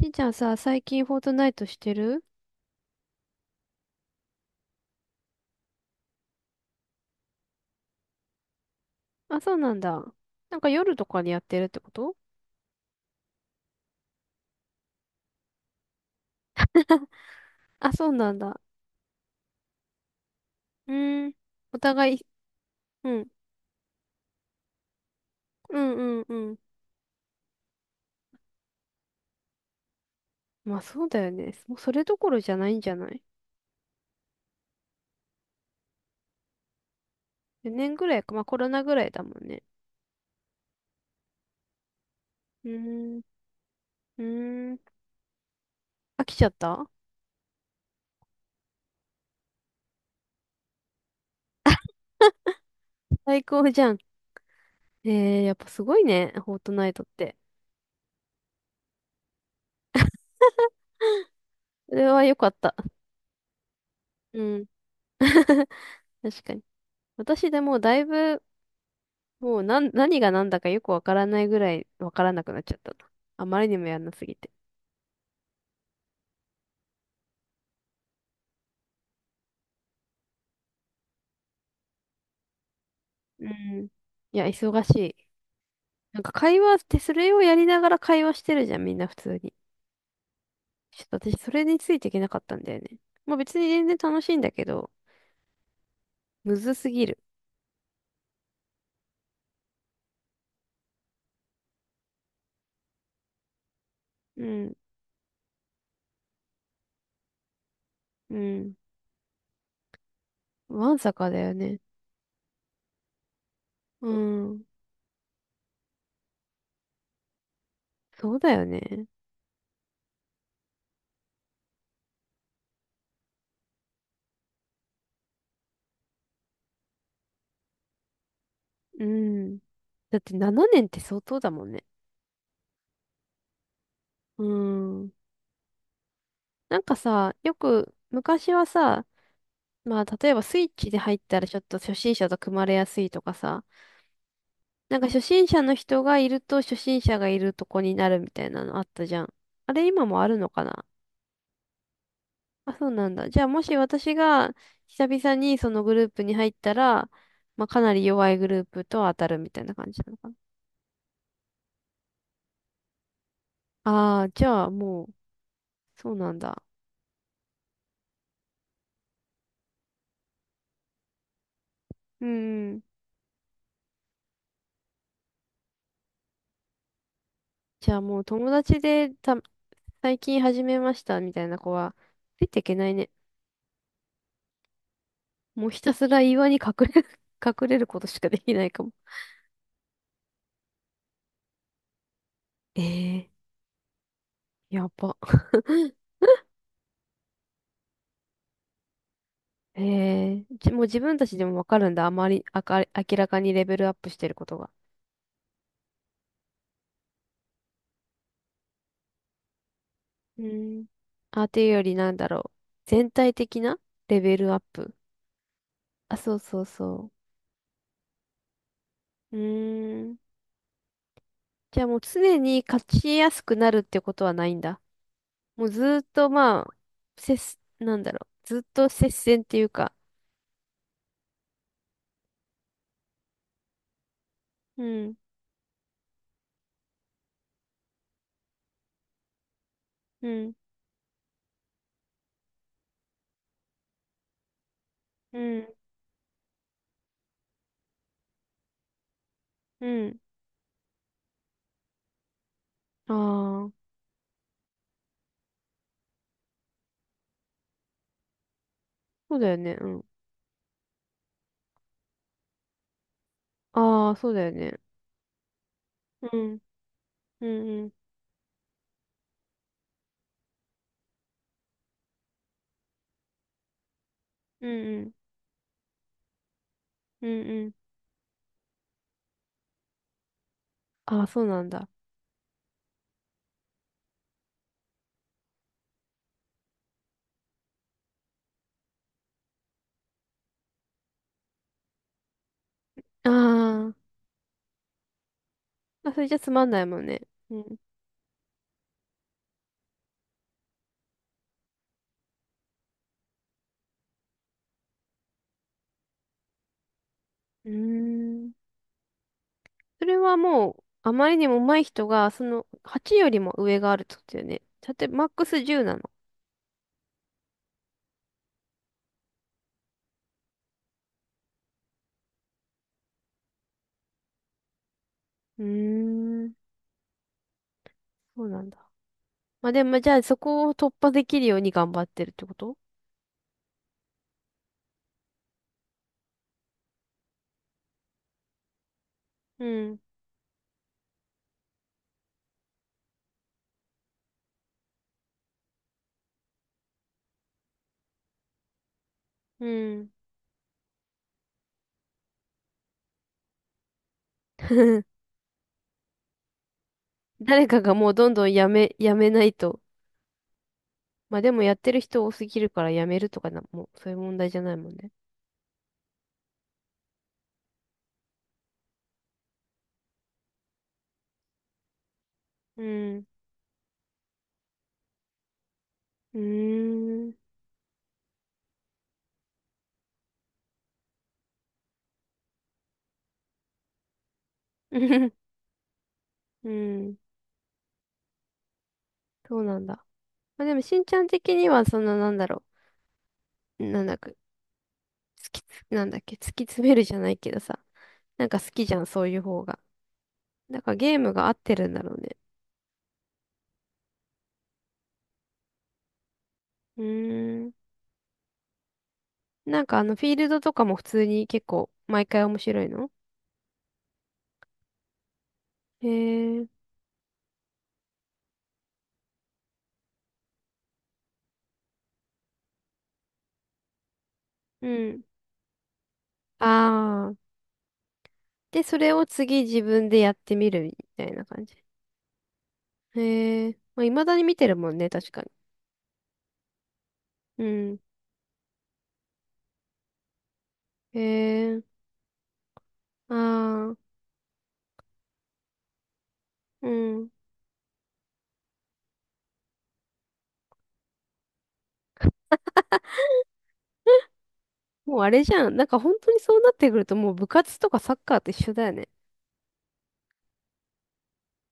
しんちゃんさ、最近フォートナイトしてる？あ、そうなんだ。なんか夜とかにやってるってこと？あ、そうなんだ。うーん。お互い、うん。うんうんうん。まあそうだよね。もうそれどころじゃないんじゃない？ 4 年ぐらいか。まあコロナぐらいだもんね。うーん。うーん。飽きちゃった？最高じゃん。やっぱすごいね。フォートナイトって。それは良かった。うん。確かに。私でもだいぶもう何が何だかよくわからないぐらいわからなくなっちゃったな。あまりにもやんなすぎて。うん。いや、忙しい。なんか会話ってそれをやりながら会話してるじゃん、みんな普通に。ちょっと私それについていけなかったんだよね。まあ別に全然楽しいんだけど、むずすぎる。うん、うん。わんさかだよね。うん。そうだよね。うん。だって7年って相当だもんね。うん。なんかさ、よく昔はさ、まあ、例えばスイッチで入ったらちょっと初心者と組まれやすいとかさ。なんか初心者の人がいると初心者がいるとこになるみたいなのあったじゃん。あれ今もあるのかな？あ、そうなんだ。じゃあもし私が久々にそのグループに入ったら、まあかなり弱いグループと当たるみたいな感じなのかな。ああ、じゃあもう、そうなんだ。うーん。じゃあもう友達でた、最近始めましたみたいな子は、ついていけないね。もうひたすら岩に隠れ、隠れることしかできないかも。ええーやば。ええーじもう自分たちでもわかるんだ。あまり、あか、明らかにレベルアップしてることが。うん。あ、というよりなんだろう。全体的なレベルアップ。あ、そうそうそう。うーん。じゃあもう常に勝ちやすくなるってことはないんだ。もうずーっとまあ、なんだろう。ずっと接戦っていうか。うん、うん、うん、うん。ああ。そうだよね。うん。ああ、そうだよね。うん。うんうん。うんうん。うんうん。ああ、そうなんだ。ああ。あ、それじゃつまんないもんね。うん。うーん。それはもう、あまりにも上手い人が、その、8よりも上があるってことだよね。だって、マックス10なの。うーん。そうなんだ。まあでも、じゃあそこを突破できるように頑張ってるってこと？うん。うん。誰かがもうどんどんやめないと。まあでもやってる人多すぎるからやめるとかな、もうそういう問題じゃないもんね。うん。うーん。うん。そうなんだ。まあでもしんちゃん的にはそんななんだろう。なんだか、突きつ、なんだっけ、突き詰めるじゃないけどさ。なんか好きじゃん、そういう方が。なんかゲームが合ってるんだろうね。うーん。なんかあのフィールドとかも普通に結構毎回面白いの？へえ。うん。ああ。で、それを次自分でやってみるみたいな感じ。へえ。まあ、未だに見てるもんね、確かに。うん。へえ。ああ、うん。もうあれじゃん。なんか本当にそうなってくるともう部活とかサッカーと一緒だよね。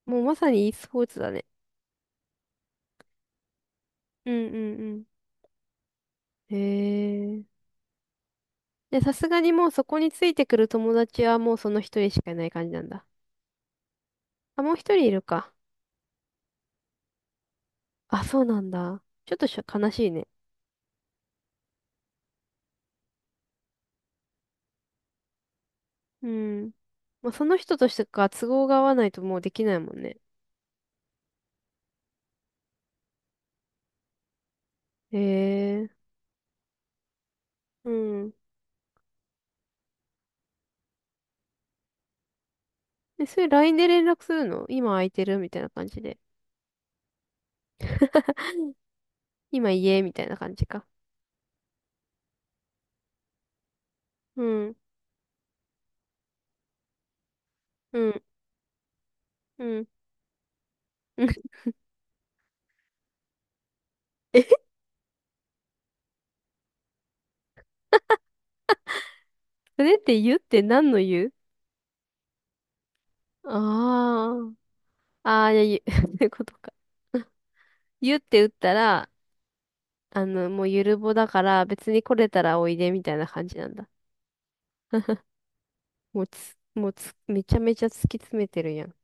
もうまさに e スポーツだね。うんうんうん。へえ。で、さすがにもうそこについてくる友達はもうその一人しかいない感じなんだ。あ、もう一人いるか。あ、そうなんだ。ちょっと悲しいね。うん。まあ、その人としてか都合が合わないともうできないもんね。へえ。うん。え、それ LINE で連絡するの今空いてるみたいな感じで。今家みたいな感じか。うん、うん、うん。うん え、それって言って何の言う？ああ、ああー、いや、言う そことか。言って打ったら、あの、もうゆるぼだから別に来れたらおいでみたいな感じなんだ。もうつ、もうつ、めちゃめちゃ突き詰めてるやん。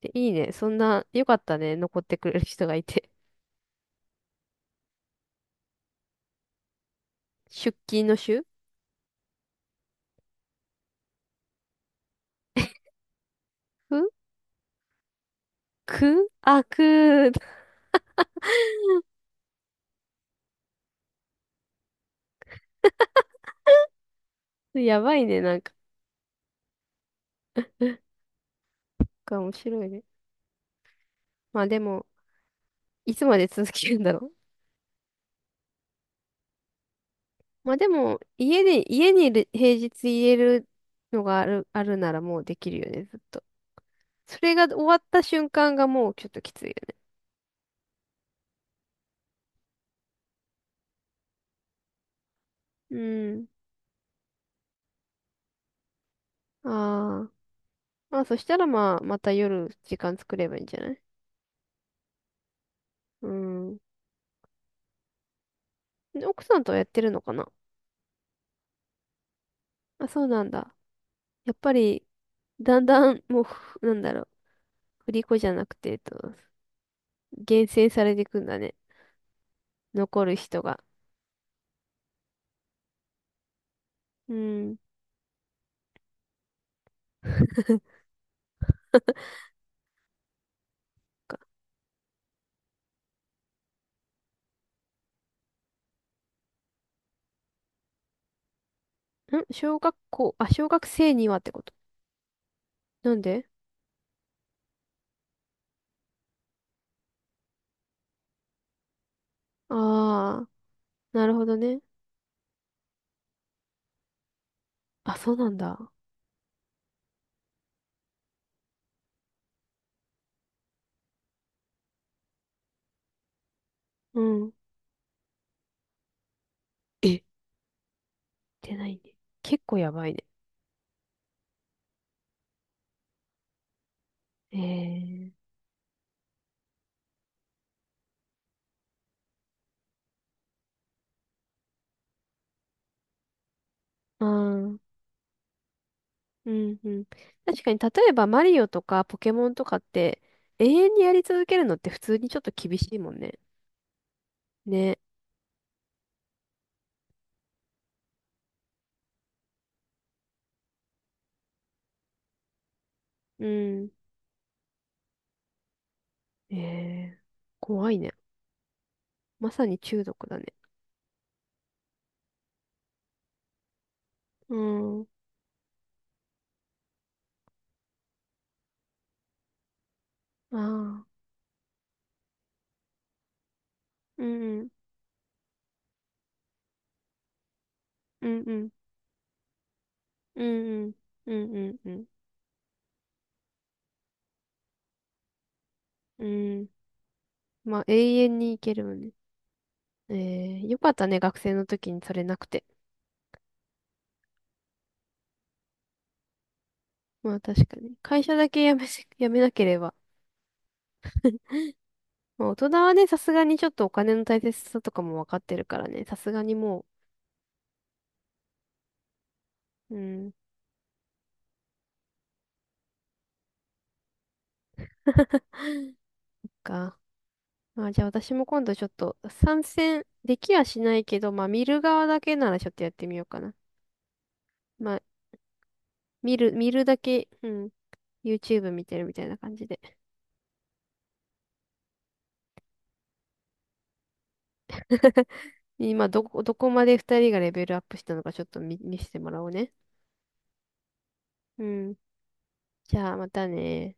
で、いいね。そんな、よかったね。残ってくれる人がいて。出勤の週ふくあ、く やばいね、なんか。面白いね。まあでも、いつまで続けるんだろう。まあでも、家にいる平日言えるのがあるならもうできるよね、ずっと。それが終わった瞬間がもうちょっときついよね。うん。ああ。まあそしたらまあ、また夜時間作ればいいんじゃない？うん。奥さんとはやってるのかな？あ、そうなんだ。やっぱり、だんだん、もうふ、なんだろう。振り子じゃなくて、えっと、厳選されていくんだね。残る人が。うん。小学生にはってこと？なんで？ああー、なるほどね。あ、そうなんだ。うん。え、出ないね。結構やばいね。ええああー、うん、うん。確かに、例えばマリオとかポケモンとかって、永遠にやり続けるのって普通にちょっと厳しいもんね。ね。うん。ええ怖いね。まさに中毒だね。うん。ああ、うん、うん、うん、うん、うん、うん、うん、うん。うんまあ、永遠に行けるもんね。えー、よかったね、学生の時にそれなくて。まあ、確かに。会社だけ辞めなければ。まあ、大人はね、さすがにちょっとお金の大切さとかもわかってるからね、さすがにもう、うん、か。まあ、じゃあ私も今度ちょっと参戦できはしないけど、まあ、見る側だけならちょっとやってみようかな。まあ、見るだけ、うん、YouTube 見てるみたいな感じで。今、どこまで二人がレベルアップしたのかちょっと見せてもらおうね。うん。じゃあまたね。